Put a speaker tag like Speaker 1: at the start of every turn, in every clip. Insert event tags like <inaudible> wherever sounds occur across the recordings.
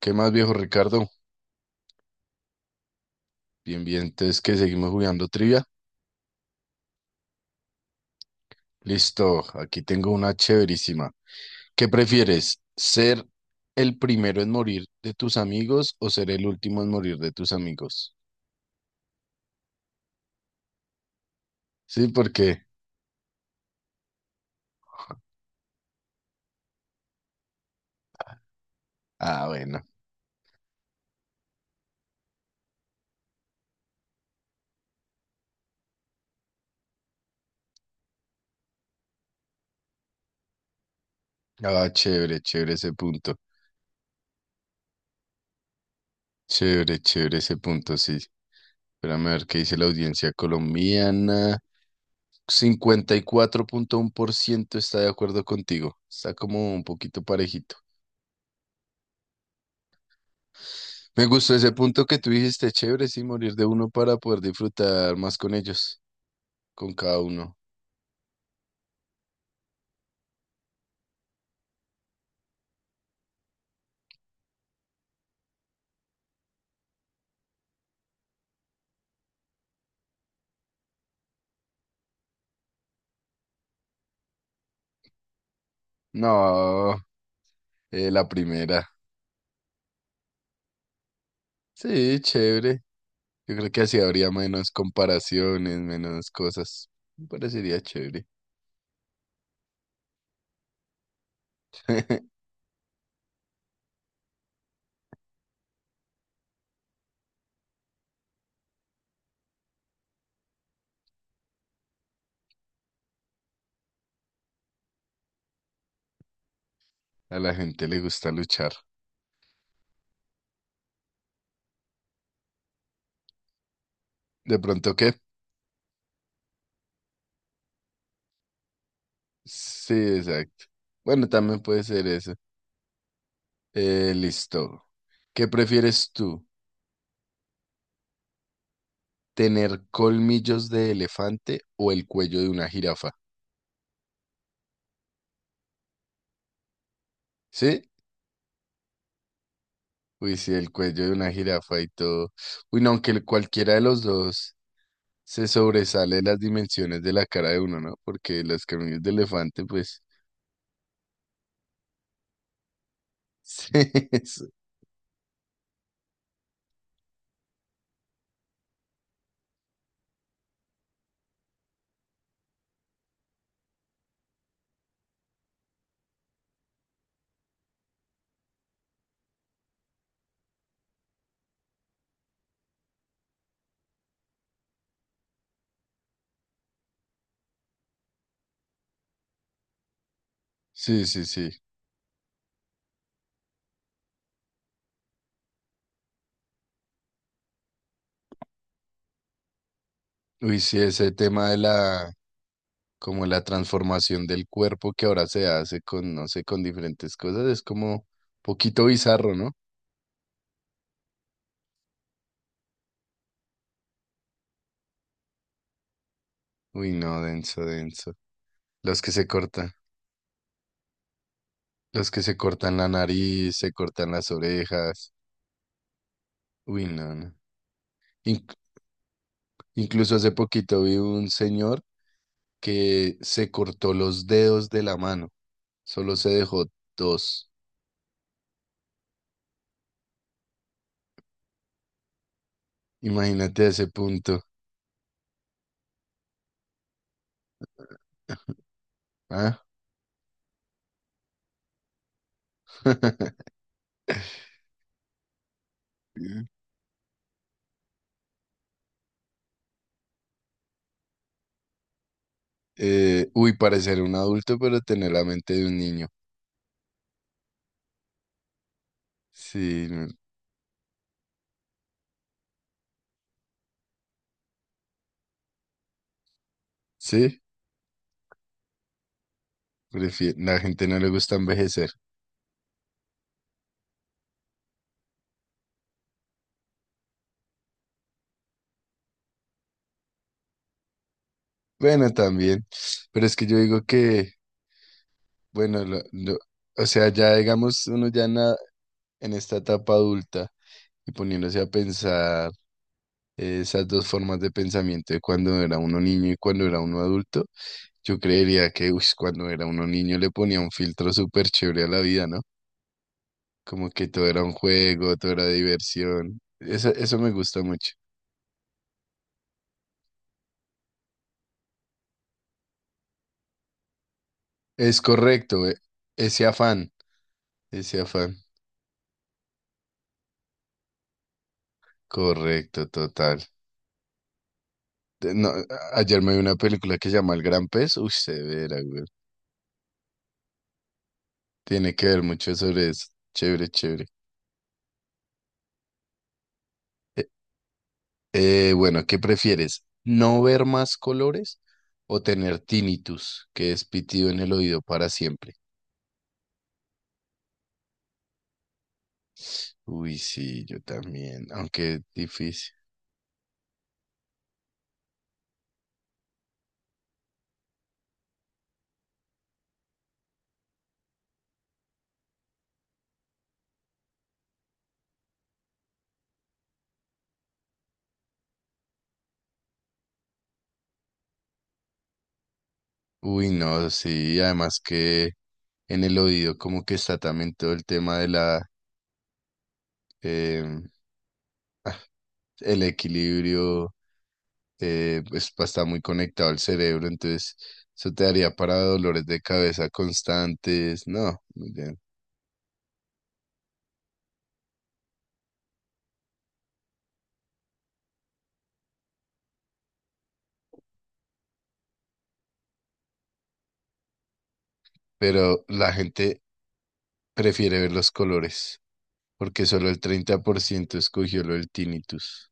Speaker 1: ¿Qué más, viejo Ricardo? Bien, bien, entonces que seguimos jugando trivia. Listo, aquí tengo una chéverísima. ¿Qué prefieres? ¿Ser el primero en morir de tus amigos o ser el último en morir de tus amigos? Sí, porque. Ah, bueno. Ah, chévere, chévere ese punto. Chévere, chévere ese punto, sí. Espérame a ver qué dice la audiencia colombiana. 54,1% está de acuerdo contigo. Está como un poquito parejito. Me gustó ese punto que tú dijiste, chévere, sí, morir de uno para poder disfrutar más con ellos, con cada uno. No, la primera. Sí, chévere. Yo creo que así habría menos comparaciones, menos cosas. Me parecería chévere. <laughs> A la gente le gusta luchar. ¿De pronto qué? Sí, exacto. Bueno, también puede ser eso. Listo. ¿Qué prefieres tú? ¿Tener colmillos de elefante o el cuello de una jirafa? ¿Sí? Uy, sí, el cuello de una jirafa y todo. Uy, no, aunque cualquiera de los dos se sobresale las dimensiones de la cara de uno, ¿no? Porque las cráneos de elefante, pues. <laughs> Sí, es- sí, sí, sí. Uy, sí, ese tema de la, como la transformación del cuerpo que ahora se hace con, no sé, con diferentes cosas, es como poquito bizarro, ¿no? Uy, no, denso, denso. Los que se cortan, los que se cortan la nariz, se cortan las orejas. Uy, no, no. Incluso hace poquito vi un señor que se cortó los dedos de la mano, solo se dejó dos. Imagínate a ese punto. ¿Ah? <laughs> Uy, parecer un adulto, pero tener la mente de un niño. Sí, sí, la gente no le gusta envejecer. Bueno, también, pero es que yo digo que, bueno, o sea, ya digamos, uno ya en, en esta etapa adulta y poniéndose a pensar. Esas dos formas de pensamiento de cuando era uno niño y cuando era uno adulto, yo creería que uy, cuando era uno niño le ponía un filtro súper chévere a la vida, ¿no? Como que todo era un juego, todo era diversión. Eso me gusta mucho. Es correcto, ese afán, ese afán. Correcto, total. No, ayer me vi una película que se llama El Gran Pez. Uy, severa, güey. Tiene que ver mucho sobre eso. Chévere, chévere. Bueno, ¿qué prefieres? ¿No ver más colores o tener tinnitus, que es pitido en el oído para siempre? Uy, sí, yo también, aunque difícil. Uy, no, sí, además que en el oído como que está también todo el tema de la, em, ah, el equilibrio, pues está muy conectado al cerebro, entonces eso te daría para dolores de cabeza constantes, no, muy bien. Pero la gente prefiere ver los colores, porque solo el 30% escogió lo del tinnitus.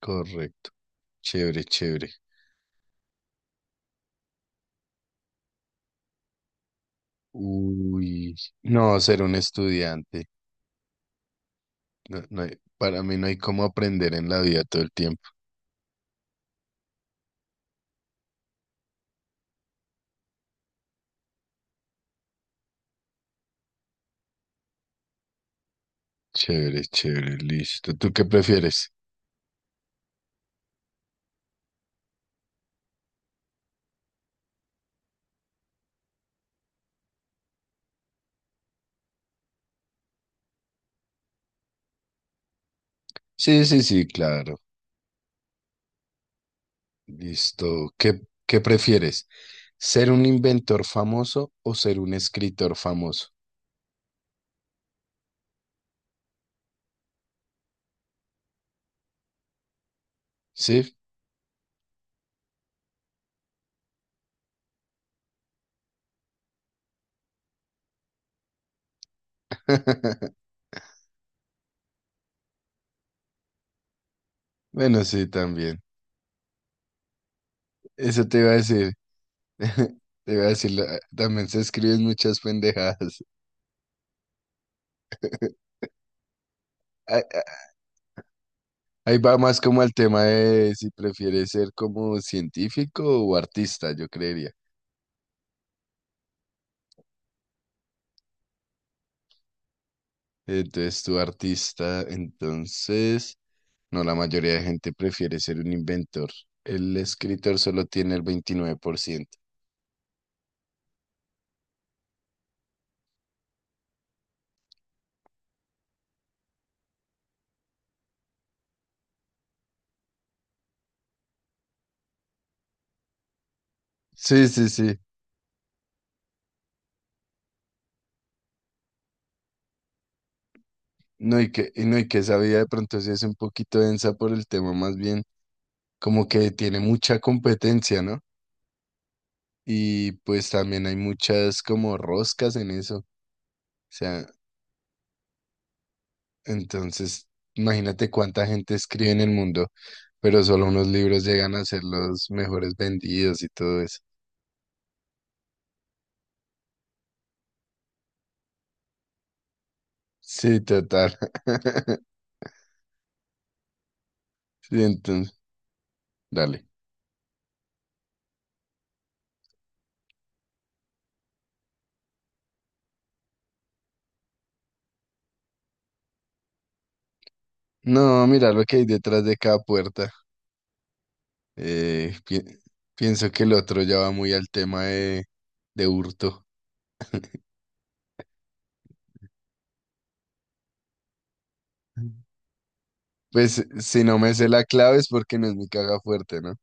Speaker 1: Correcto. Chévere, chévere. Uy, no, ser un estudiante. No, para mí no hay cómo aprender en la vida todo el tiempo. Chévere, chévere, listo. ¿Tú qué prefieres? Sí, sí, sí, claro. Listo. ¿Qué prefieres? ¿Ser un inventor famoso o ser un escritor famoso? ¿Sí? <laughs> Bueno, sí, también. Eso te iba a decir. <laughs> Te iba a decir, también se escriben muchas pendejadas. <laughs> Ahí ahí va más como el tema de si prefieres ser como científico o artista, yo creería. Entonces, tu artista, entonces, no, la mayoría de gente prefiere ser un inventor. El escritor solo tiene el 29%. Sí, sí, sí. No, y que, y no, y que esa vida de pronto sí es un poquito densa por el tema, más bien como que tiene mucha competencia, ¿no? Y pues también hay muchas como roscas en eso. O sea, entonces imagínate cuánta gente escribe en el mundo, pero solo unos libros llegan a ser los mejores vendidos y todo eso. Sí, total. <laughs> Sí, entonces, dale. No, mira lo que hay detrás de cada puerta. Eh, pi- pienso que el otro ya va muy al tema de, hurto. Pues si no me sé la clave es porque no es mi caja fuerte, ¿no?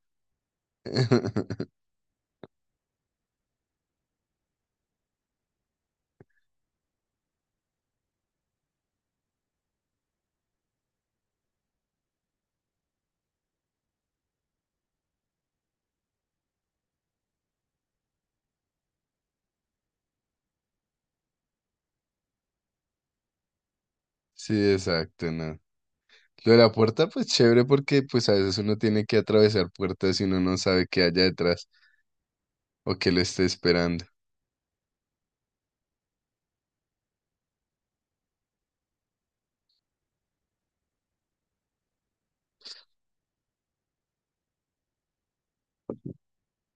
Speaker 1: <laughs> Sí, exacto, no. Lo de la puerta, pues chévere porque pues a veces uno tiene que atravesar puertas y uno no sabe qué haya detrás o qué lo esté esperando.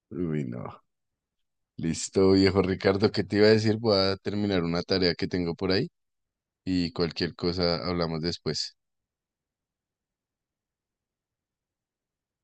Speaker 1: Uy, no. Listo, viejo Ricardo, ¿qué te iba a decir? Voy a terminar una tarea que tengo por ahí y cualquier cosa hablamos después.